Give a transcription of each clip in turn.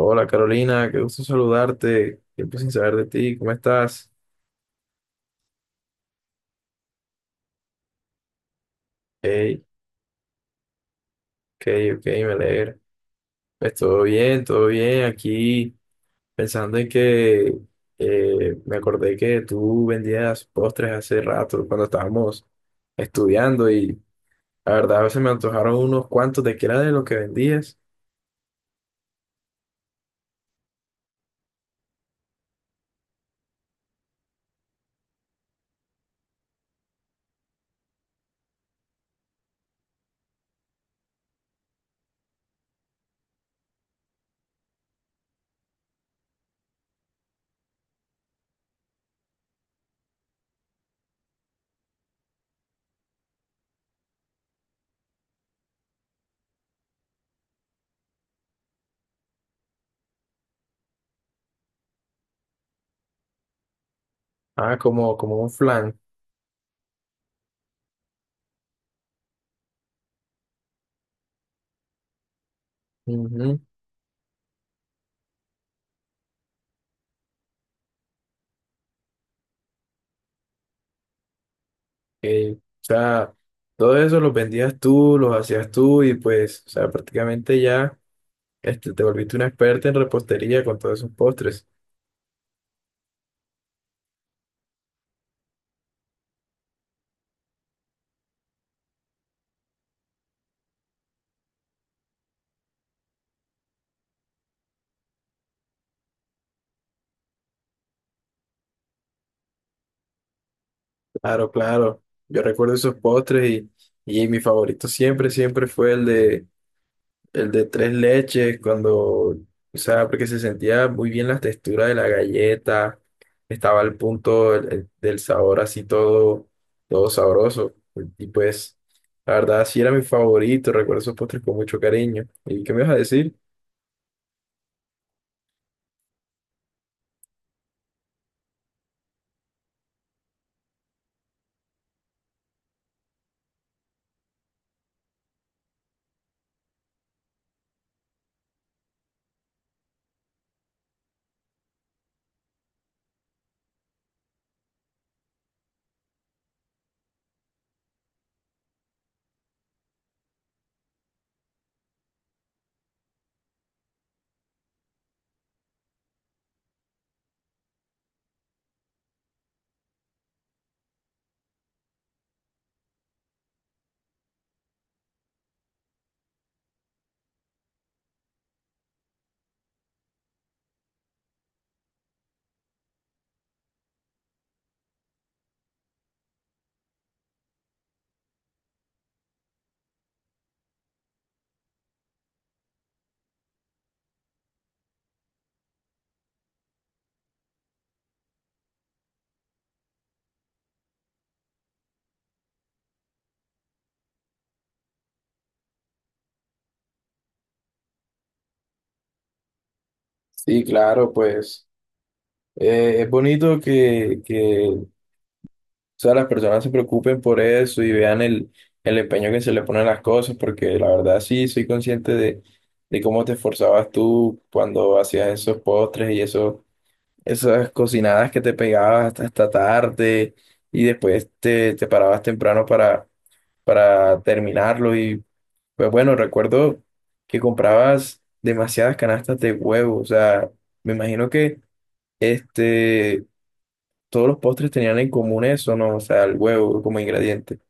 Hola Carolina, qué gusto saludarte. Tiempo sin saber de ti, ¿cómo estás? Hey, ok, ok, me alegra. Pues todo bien, todo bien. Aquí pensando en que me acordé que tú vendías postres hace rato cuando estábamos estudiando y la verdad a veces me antojaron unos cuantos de que era de lo que vendías. Ah, como un flan. Ujú, ok. O sea, todo eso los vendías tú, los hacías tú y pues, o sea, prácticamente ya. Este, te volviste una experta en repostería con todos esos postres. Claro, claro. Yo recuerdo esos postres y mi favorito siempre, siempre fue el de tres leches, cuando, o sea, porque se sentía muy bien la textura de la galleta, estaba al punto del sabor así todo, todo sabroso. Y pues, la verdad, sí era mi favorito, recuerdo esos postres con mucho cariño. ¿Y qué me vas a decir? Sí, claro, pues es bonito que, o sea, las personas se preocupen por eso y vean el empeño que se le ponen las cosas, porque la verdad sí soy consciente de cómo te esforzabas tú cuando hacías esos postres y eso, esas cocinadas que te pegabas hasta, hasta tarde y después te parabas temprano para terminarlo. Y pues bueno, recuerdo que comprabas demasiadas canastas de huevo, o sea, me imagino que este todos los postres tenían en común eso, ¿no? O sea, el huevo como ingrediente.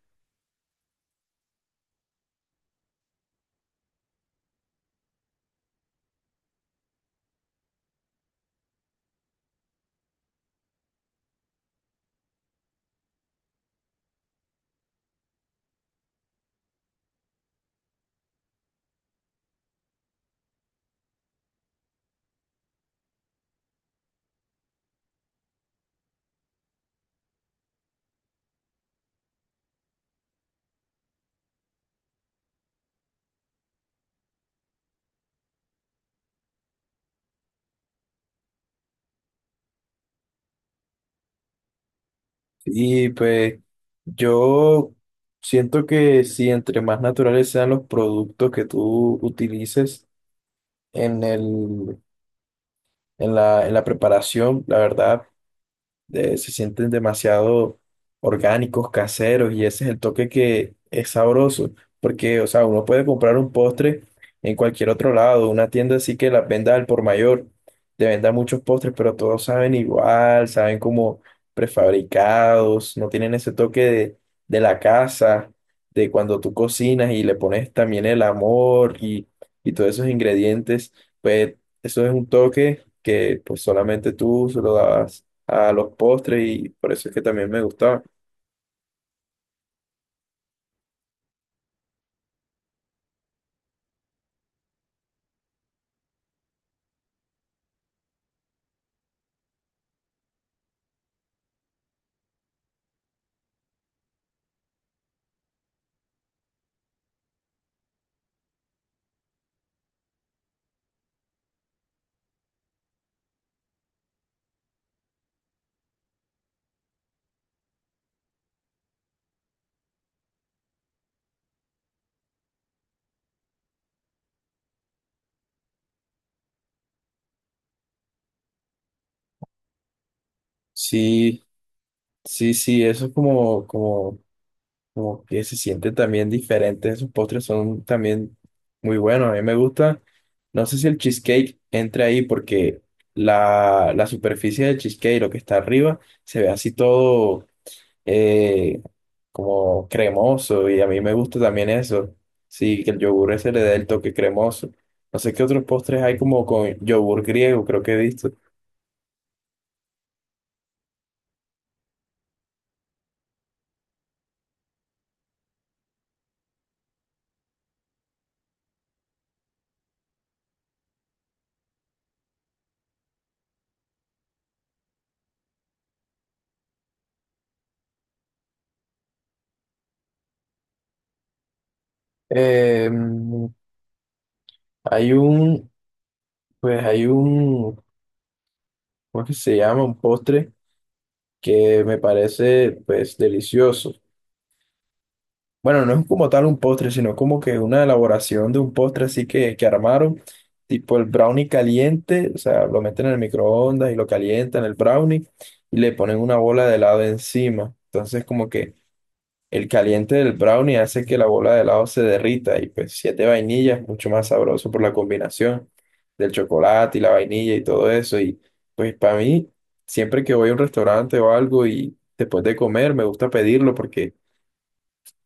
Y pues yo siento que si entre más naturales sean los productos que tú utilices en el, en la preparación, la verdad se sienten demasiado orgánicos, caseros, y ese es el toque que es sabroso, porque, o sea, uno puede comprar un postre en cualquier otro lado, una tienda así que las venda al por mayor, te venda muchos postres, pero todos saben igual, saben como prefabricados, no tienen ese toque de la casa, de cuando tú cocinas y le pones también el amor y todos esos ingredientes, pues eso es un toque que pues solamente tú se lo dabas a los postres y por eso es que también me gustaba. Sí, sí, sí, eso es como que se siente también diferente. Esos postres son también muy buenos. A mí me gusta. No sé si el cheesecake entra ahí porque la superficie del cheesecake, lo que está arriba, se ve así todo eh, como cremoso y a mí me gusta también eso. Sí, que el yogur ese le dé el toque cremoso. No sé qué otros postres hay como con yogur griego, creo que he visto. Eh, hay un, hay un, ¿cómo es que se llama? Un postre que me parece, pues, delicioso. Bueno, no es como tal un postre, sino como que una elaboración de un postre así que armaron, tipo el brownie caliente, o sea, lo meten en el microondas y lo calientan el brownie y le ponen una bola de helado encima. Entonces, como que el caliente del brownie hace que la bola de helado se derrita y pues siete vainillas, mucho más sabroso por la combinación del chocolate y la vainilla y todo eso. Y pues para mí, siempre que voy a un restaurante o algo y después de comer, me gusta pedirlo porque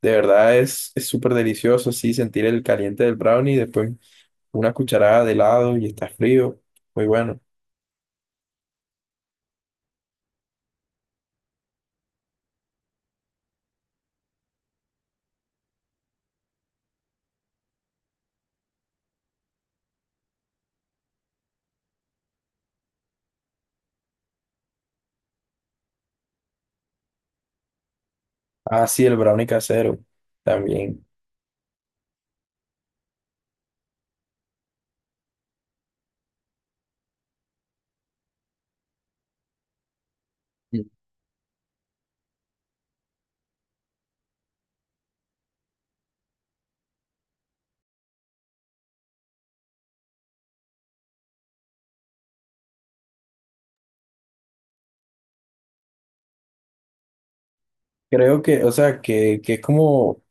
de verdad es súper delicioso, sí, sentir el caliente del brownie y después una cucharada de helado y está frío. Muy bueno. Ah, sí, el brownie casero también. Mm. Creo que, o sea, que es como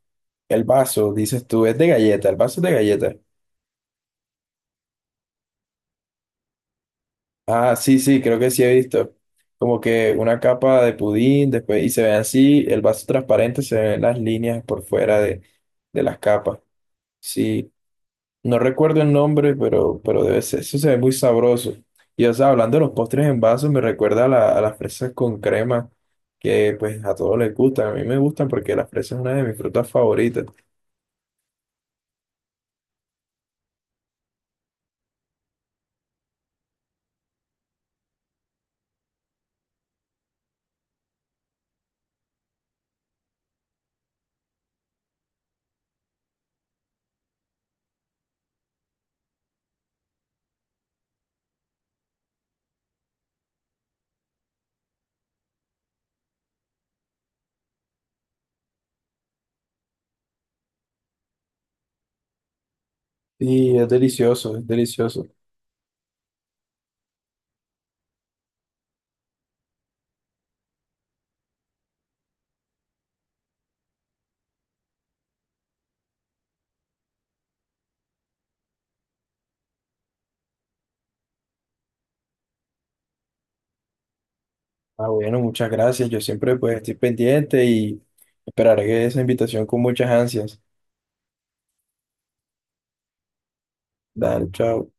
el vaso, dices tú, es de galleta, el vaso es de galleta. Ah, sí, sí, creo que sí he visto. Como que una capa de pudín, después, y se ve así, el vaso transparente, se ven las líneas por fuera de las capas. Sí, no recuerdo el nombre, pero debe ser, eso se ve muy sabroso. Y o sea, hablando de los postres en vaso, me recuerda a, a las fresas con crema, que pues a todos les gustan, a mí me gustan porque las fresas es una de mis frutas favoritas. Y es delicioso, es delicioso. Ah, bueno, muchas gracias. Yo siempre pues estoy pendiente y esperaré esa invitación con muchas ansias. Dale, chao.